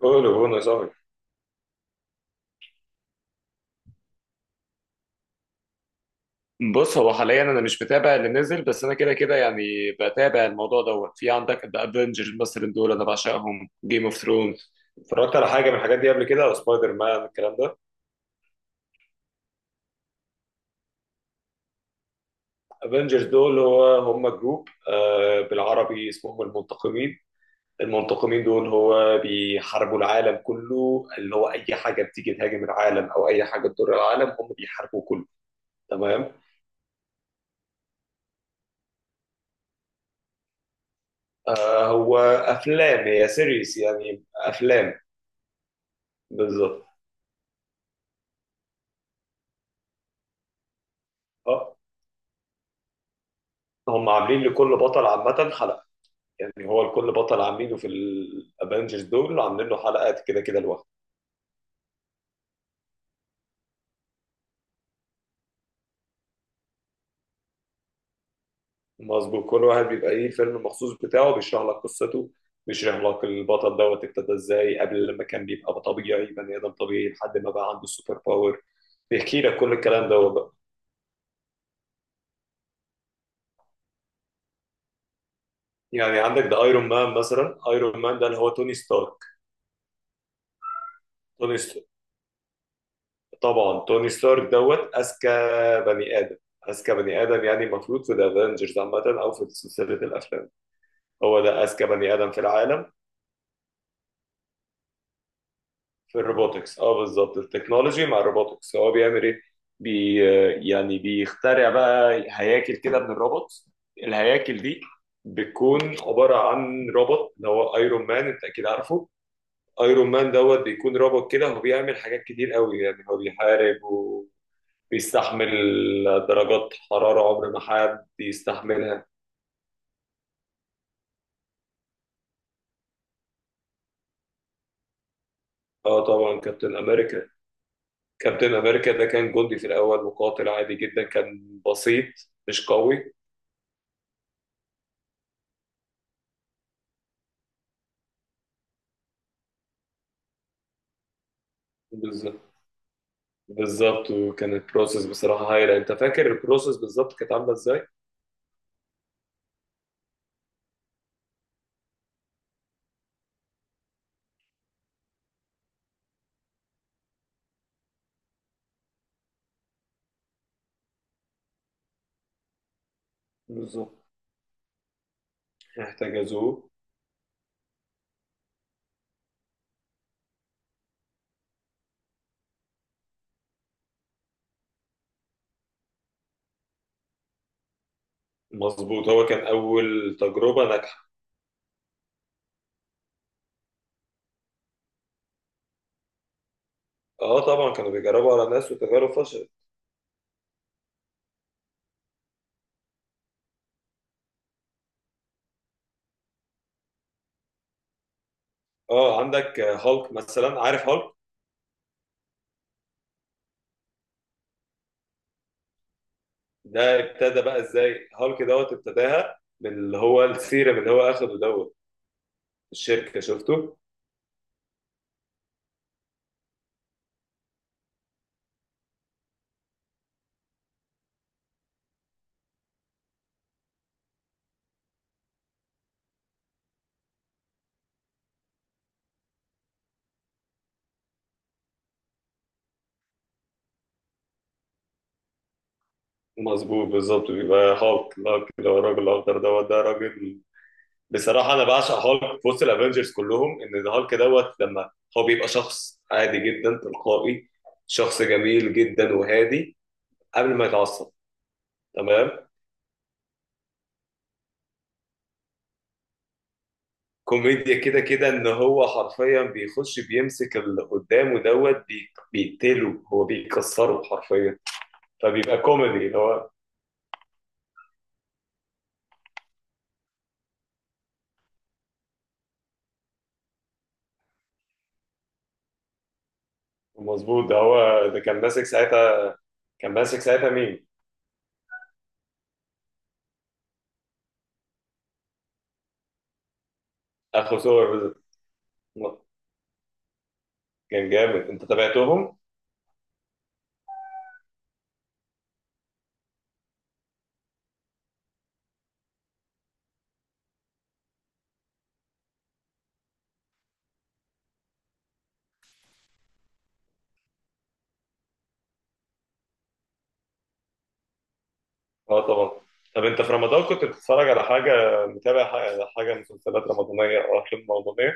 كله بونا صاحبي. بص، هو حاليا انا مش متابع اللي نزل، بس انا كده كده يعني بتابع الموضوع دوت. في عندك ذا افنجرز مثلا، دول انا بعشقهم. جيم اوف ثرونز اتفرجت على حاجه من الحاجات دي قبل كده؟ او سبايدر مان، الكلام ده. افنجرز دول هم جروب، بالعربي اسمهم المنتقمين. المنتقمين دول هو بيحاربوا العالم كله، اللي هو اي حاجه بتيجي تهاجم العالم او اي حاجه تضر العالم هم بيحاربوا كله. تمام. هو افلام، هي سيريس يعني افلام. بالظبط. اه هم عاملين لكل بطل عامة حلقة، يعني هو لكل بطل عاملينه في الافنجرز دول عاملين له حلقات كده كده لوحده. مظبوط، كل واحد بيبقى ايه الفيلم المخصوص بتاعه، بيشرح لك قصته، بيشرح لك البطل دوت ابتدى ازاي قبل، لما كان بيبقى طبيعي، بني ادم طبيعي لحد ما بقى عنده السوبر باور، بيحكي لك كل الكلام دوت بقى. يعني عندك ده ايرون مان مثلا، ايرون مان ده اللي هو توني ستارك. توني، طبعا توني ستارك دوت اذكى بني ادم، اذكى بني ادم، يعني المفروض في ذا افنجرز عامه او في سلسله الافلام، هو ده اذكى بني ادم في العالم. في الروبوتكس، اه بالظبط التكنولوجي مع الروبوتكس، هو بيعمل ايه؟ بي يعني بيخترع بقى هياكل كده من الروبوت، الهياكل دي بتكون عباره عن روبوت اللي هو ايرون مان انت اكيد عارفه. ايرون مان دوت بيكون روبوت كده، هو بيعمل حاجات كتير قوي، يعني هو بيحارب، بيستحمل درجات حرارة عمر ما حد يستحملها. اه طبعا كابتن امريكا، كابتن امريكا ده كان جندي في الاول، مقاتل عادي جدا، كان بسيط، مش قوي. بالظبط، بالظبط. وكان البروسيس بصراحة هايلة، انت فاكر البروسيس بالظبط كانت عاملة ازاي؟ بالظبط، احتجزوه. مظبوط، هو كان اول تجربه ناجحه. اه طبعا، كانوا بيجربوا على ناس وتجارب فشلت. اه عندك هالك مثلا، عارف هالك؟ ده ابتدى بقى ازاي هالك دوت، ابتداها من اللي هو السيرم اللي هو اخده دوت، الشركه شفته. مظبوط، بالظبط. بيبقى هالك، هالك اللي هو الراجل الاخضر دوت، ده راجل بصراحه انا بعشق هالك في وسط الافنجرز كلهم، ان هالك دوت لما هو بيبقى شخص عادي جدا تلقائي، شخص جميل جدا وهادي قبل ما يتعصب. تمام. كوميديا كده كده، ان هو حرفيا بيخش بيمسك اللي قدامه دوت بيقتله، هو بيكسره حرفيا، فبيبقى كوميدي اللي هو. مظبوط، ده هو ده كان ماسك ساعتها، كان ماسك ساعتها مين؟ اخو سور. كان جامد، انت تابعتهم؟ اه طبعا. طب انت في رمضان كنت بتتفرج على حاجه، متابع حاجه، حاجة مسلسلات رمضانيه او افلام رمضانيه؟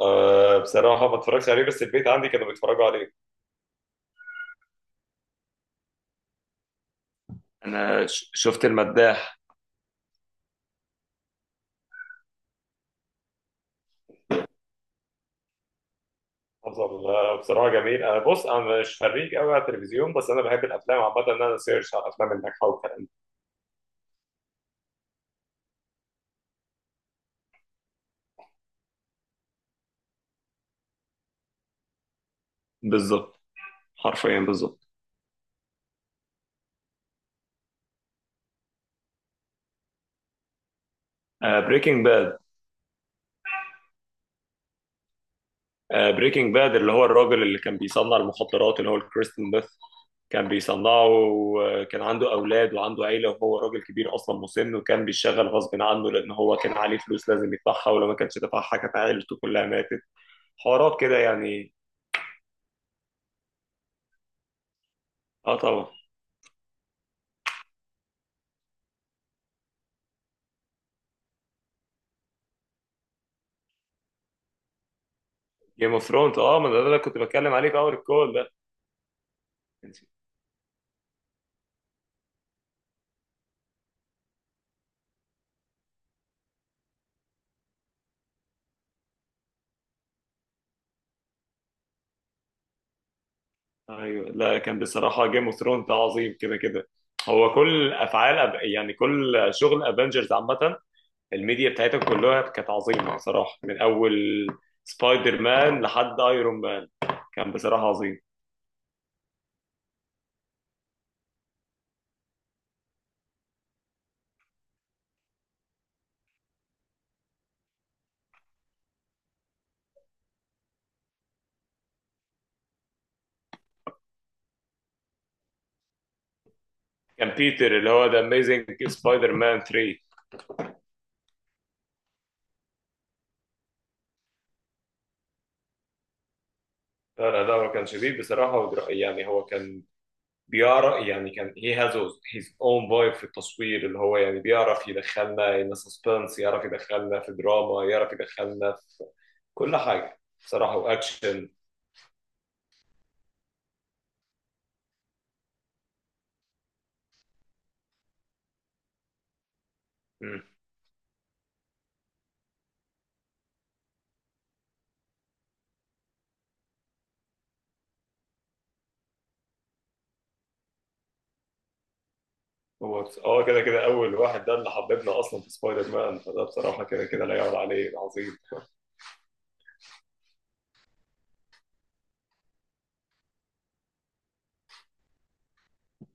آه بصراحه ما اتفرجش عليه، بس البيت عندي كانوا بيتفرجوا عليه. انا شفت المداح. افضل، بصراحه جميل. انا بص انا مش فريق قوي على التلفزيون، بس انا بحب الافلام عامه، ان انا سيرش على الافلام الناجحه والكلام ده. بالظبط، حرفيا بالظبط. بريكنج باد. بريكنج باد اللي هو الراجل اللي كان بيصنع المخدرات، اللي هو الكريستن بيث، كان بيصنعه وكان عنده أولاد وعنده عيلة، وهو راجل كبير أصلا، مسن، وكان بيشتغل غصب عنه لأن هو كان عليه فلوس لازم يدفعها، ولو ما كانش دفعها كانت عيلته كلها ماتت. حوارات كده يعني. اه طبعا. جيم اوف ثرونز، اه ما ده اللي كنت بتكلم عليه في أول الكول ده. ايوه، لا كان بصراحة جيم اوف ثرونز ده عظيم كده كده. هو يعني كل شغل افنجرز عامة، الميديا بتاعتها كلها كانت عظيمه صراحه. من اول سبايدر مان لحد ايرون مان، كان بصراحه عظيم. كان بيتر، اللي هو ذا اميزنج سبايدر مان 3. لا لا، ده هو كان شديد بصراحه. يعني هو كان بيعرف، يعني كان هي هاز هيز اون فايب في التصوير، اللي هو يعني بيعرف يدخلنا ان سسبنس، يعرف يدخلنا في دراما، يعرف يدخلنا في كل حاجه بصراحه، واكشن. اه كده كده اول واحد ده اللي حببنا اصلا في سبايدر مان، فده بصراحه كده كده لا يعلى عليه، عظيم.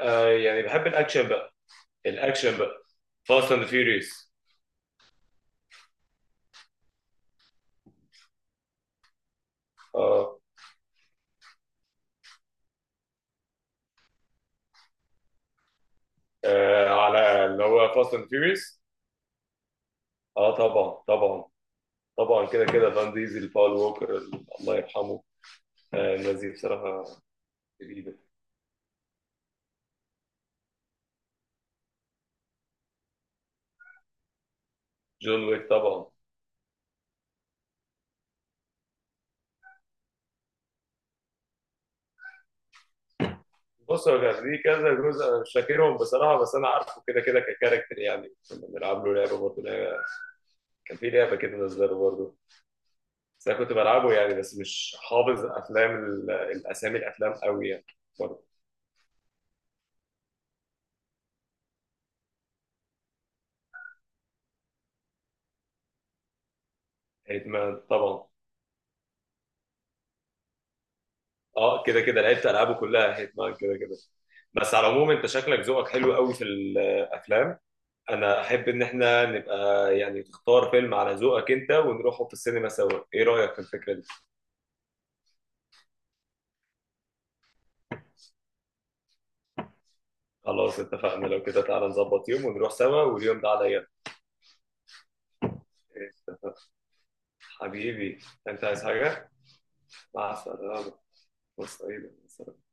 آه يعني بحب الاكشن بقى، الاكشن بقى. فاست اند فيوريوس. اه. آه، على اللي هو فاست اند فيوريوس. اه طبعا، طبعا. طبعا كده كده فان ديزل، باول ووكر الله يرحمه. آه الناس دي بصراحه جديده. جون ويك طبعا. بص هو كان ليه كذا جزء انا مش فاكرهم بصراحه، بس انا عارفه كده كده ككاركتر، يعني كنا بنلعب له لعبه برضه، كان في لعبه كده نزلها برضه، بس انا كنت بلعبه يعني، بس مش حافظ افلام الاسامي الافلام قوي يعني، برضه. هيتمان طبعا. اه كده كده لعبت العابه كلها هيتمان كده كده. بس على العموم انت شكلك ذوقك حلو قوي في الافلام، انا احب ان احنا نبقى، يعني تختار فيلم على ذوقك انت ونروحه في السينما سوا، ايه رايك في الفكره دي؟ خلاص اتفقنا، لو كده تعالى نظبط يوم ونروح سوا، واليوم ده عليا. اتفقنا. حبيبي، انت عايز حاجه؟ مع السلامه. مع السلامه.